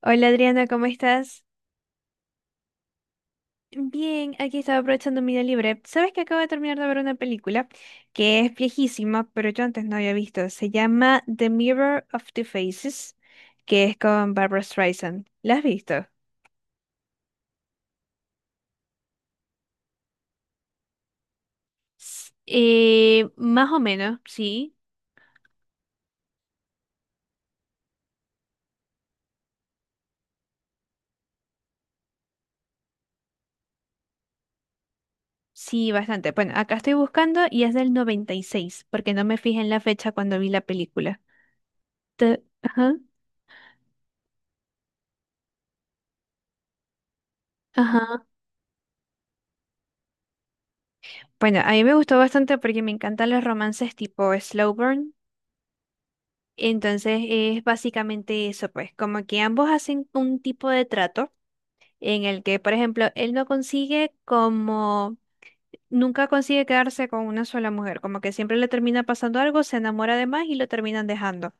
Hola Adriana, ¿cómo estás? Bien, aquí estaba aprovechando mi día libre. Sabes que acabo de terminar de ver una película que es viejísima, pero yo antes no había visto. Se llama The Mirror of the Faces, que es con Barbara Streisand. ¿La has visto? Más o menos, sí. Sí, bastante. Bueno, acá estoy buscando y es del 96, porque no me fijé en la fecha cuando vi la película. Ajá, ajá. Bueno, a mí me gustó bastante porque me encantan los romances tipo slow burn. Entonces es básicamente eso, pues, como que ambos hacen un tipo de trato en el que, por ejemplo, él no consigue como, nunca consigue quedarse con una sola mujer, como que siempre le termina pasando algo, se enamora de más y lo terminan dejando.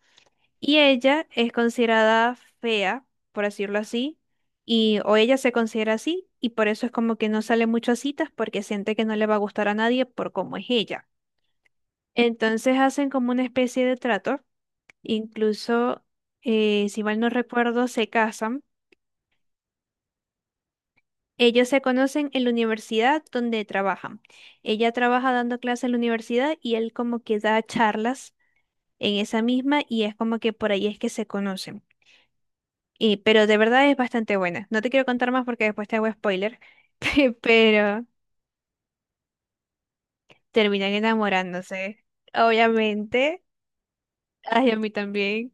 Y ella es considerada fea, por decirlo así, y o ella se considera así, y por eso es como que no sale mucho a citas porque siente que no le va a gustar a nadie por cómo es ella. Entonces hacen como una especie de trato. Incluso, si mal no recuerdo, se casan. Ellos se conocen en la universidad donde trabajan. Ella trabaja dando clases en la universidad y él como que da charlas en esa misma y es como que por ahí es que se conocen. Y, pero de verdad es bastante buena. No te quiero contar más porque después te hago spoiler, pero terminan enamorándose. Obviamente. Ay, a mí también.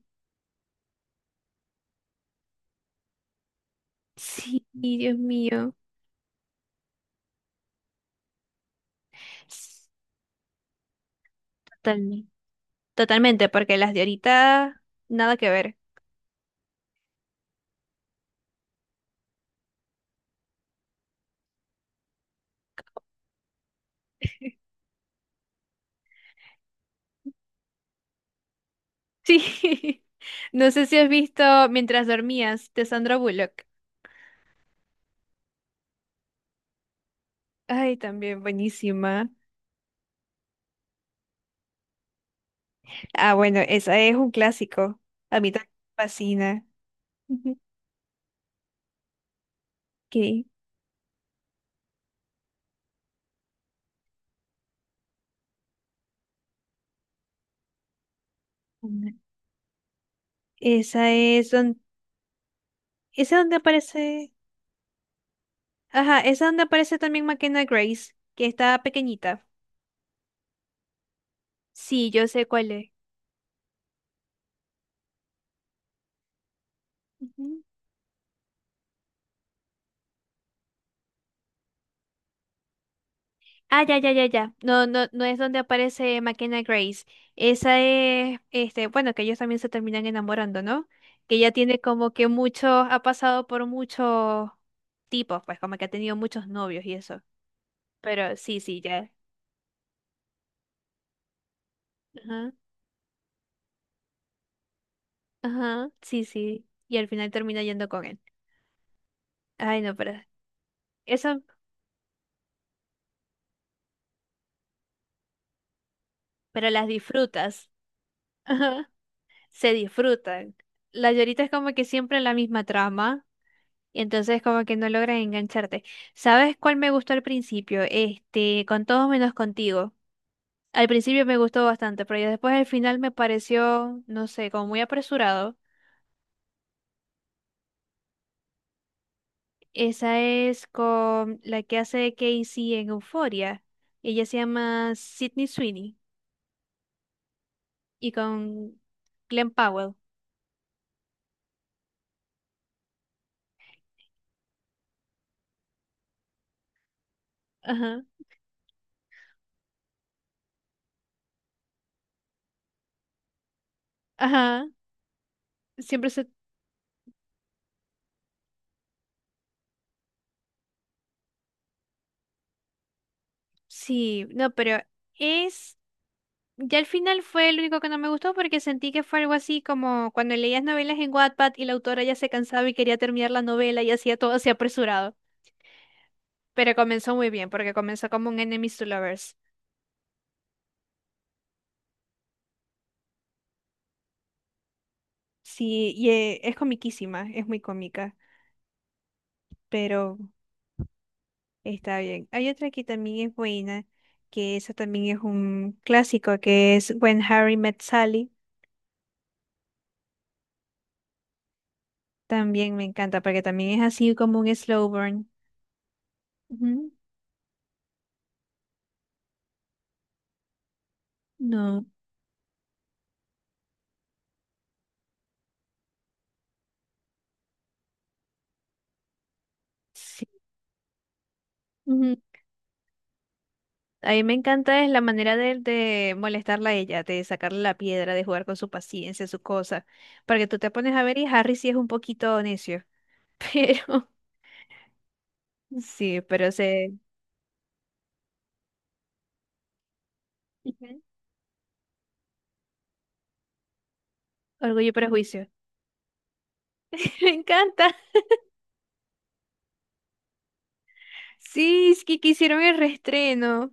Sí, Dios mío. S- Totalmente. Totalmente, porque las de ahorita, nada que ver. Sí, no sé si has visto Mientras dormías de Sandra Bullock. Ay, también buenísima. Ah, bueno, esa es un clásico. A mí también me fascina. Ujú. Ok. Una- Esa es donde, esa donde aparece, ajá, esa donde aparece también McKenna Grace, que está pequeñita. Sí, yo sé cuál es. Ujú. Ah, ya, ya, ya, ya. No, no, no es donde aparece McKenna Grace. Esa es, este, bueno, que ellos también se terminan enamorando, ¿no? Que ella tiene como que mucho, ha pasado por muchos tipos, pues como que ha tenido muchos novios y eso. Pero sí, sí, ya. Ajá, ajá, sí, sí. Y al final termina yendo con él. Ay, no, pero eso, pero las disfrutas. Ajá, se disfrutan. La llorita es como que siempre la misma trama. Y entonces como que no logran engancharte. ¿Sabes cuál me gustó al principio? Este, con todos menos contigo. Al principio me gustó bastante, pero ya después al final me pareció, no sé, como muy apresurado. Esa es con la que hace Casey en Euphoria. Ella se llama Sydney Sweeney y con Glenn Powell. Ajá, ajá. Siempre se... Sí, no, pero es... Ya al final fue el único que no me gustó porque sentí que fue algo así como cuando leías novelas en Wattpad y la autora ya se cansaba y quería terminar la novela y hacía todo así apresurado. Pero comenzó muy bien porque comenzó como un Enemies to Lovers. Sí, y es comiquísima, es muy cómica, pero está bien. Hay otra que también es buena, que esa también es un clásico, que es When Harry Met Sally. También me encanta porque también es así como un slow burn. Ujú, no, sí. A mí me encanta es la manera de molestarla a ella, de sacarle la piedra, de jugar con su paciencia, su cosa. Porque tú te pones a ver y Harry sí es un poquito necio. Pero, sí, pero se... Ujú. Orgullo y prejuicio. Me encanta. Sí, es que quisieron el reestreno.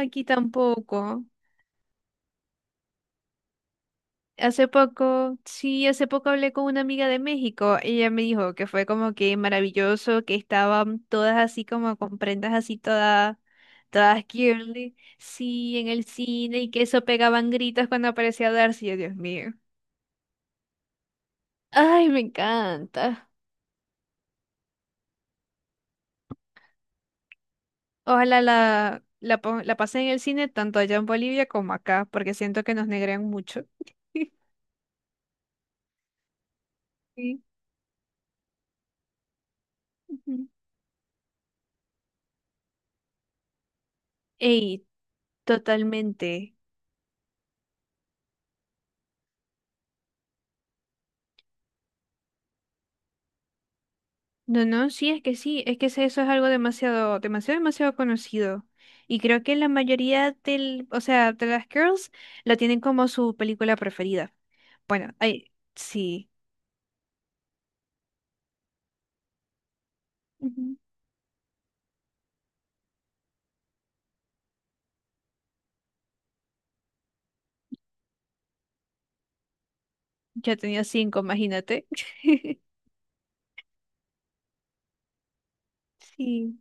Aquí tampoco. Hace poco, sí, hace poco hablé con una amiga de México. Ella me dijo que fue como que maravilloso, que estaban todas así como con prendas así todas, todas girly, sí, en el cine y que eso pegaban gritos cuando aparecía Darcy. Yo, Dios mío. Ay, me encanta. Ojalá la pasé en el cine tanto allá en Bolivia como acá, porque siento que nos negrean mucho. Sí. Ujú. Ey, totalmente. No, no, sí, es que eso es algo demasiado, demasiado, demasiado conocido. Y creo que la mayoría del, o sea, de las girls lo tienen como su película preferida. Bueno, ay, sí. Ujú. Yo tenía 5, imagínate. Sí.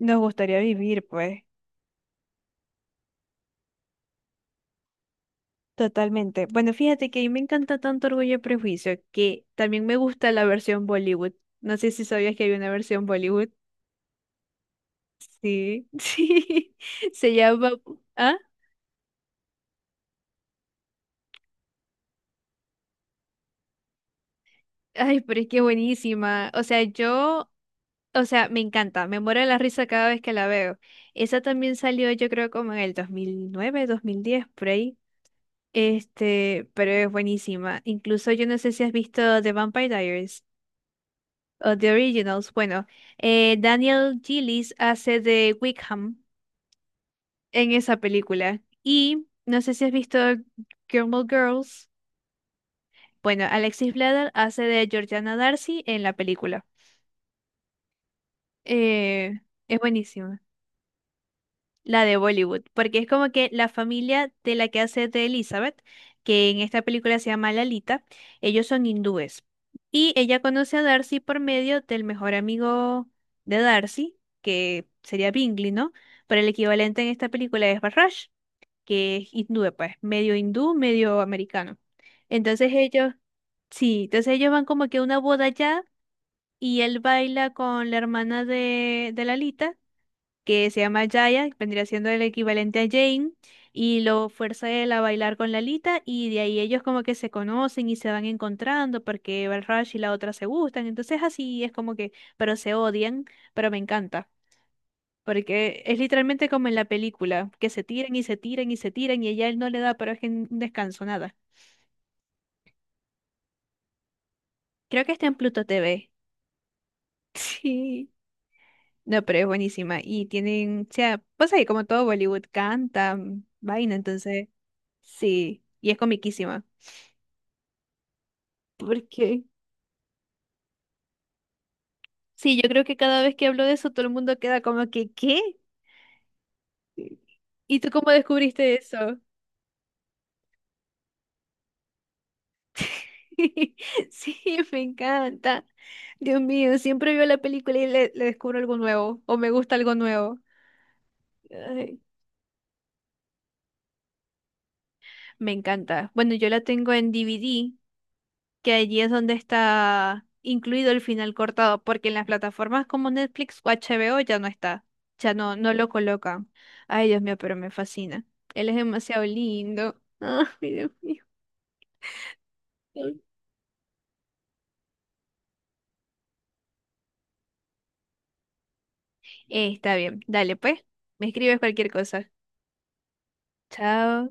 Nos gustaría vivir, pues. Totalmente. Bueno, fíjate que a mí me encanta tanto Orgullo y Prejuicio que también me gusta la versión Bollywood. No sé si sabías que hay una versión Bollywood. Sí, sí. Se llama... ¿Ah? Ay, pero es que buenísima. O sea, yo, o sea, me encanta, me muero de la risa cada vez que la veo. Esa también salió, yo creo, como en el 2009, 2010, por ahí. Este, pero es buenísima. Incluso yo no sé si has visto The Vampire Diaries o The Originals. Bueno, Daniel Gillies hace de Wickham en esa película. Y no sé si has visto Gilmore Girls. Bueno, Alexis Bledel hace de Georgiana Darcy en la película. Eh, es buenísimo. La de Bollywood, porque es como que la familia de la que hace de Elizabeth, que en esta película se llama Lalita, ellos son hindúes. Y ella conoce a Darcy por medio del mejor amigo de Darcy, que sería Bingley, ¿no? Pero el equivalente en esta película es Barrage, que es hindú, pues, medio hindú, medio americano. Entonces ellos, sí, entonces ellos van como que a una boda allá y él baila con la hermana de Lalita que se llama Jaya, que vendría siendo el equivalente a Jane, y lo fuerza él a bailar con Lalita, y de ahí ellos como que se conocen y se van encontrando porque Balraj y la otra se gustan, entonces así es como que, pero se odian, pero me encanta. Porque es literalmente como en la película, que se tiran y se tiran y se tiran y ella él no le da, pero es que un descanso, nada. Creo que está en Pluto TV. Sí. No, pero es buenísima. Y tienen, o sea, pues ahí como todo Bollywood canta, mm, vaina, entonces sí, y es comiquísima. Porque sí, yo creo que cada vez que hablo de eso todo el mundo queda como que, ¿qué? ¿Y tú cómo descubriste eso? Sí, me encanta. Dios mío, siempre veo la película y le descubro algo nuevo o me gusta algo nuevo. Ay, me encanta. Bueno, yo la tengo en DVD que allí es donde está incluido el final cortado, porque en las plataformas como Netflix o HBO ya no está, ya no, no lo colocan. Ay, Dios mío, pero me fascina. Él es demasiado lindo. Ay, Dios mío. Está bien, dale pues, me escribes cualquier cosa. Chao.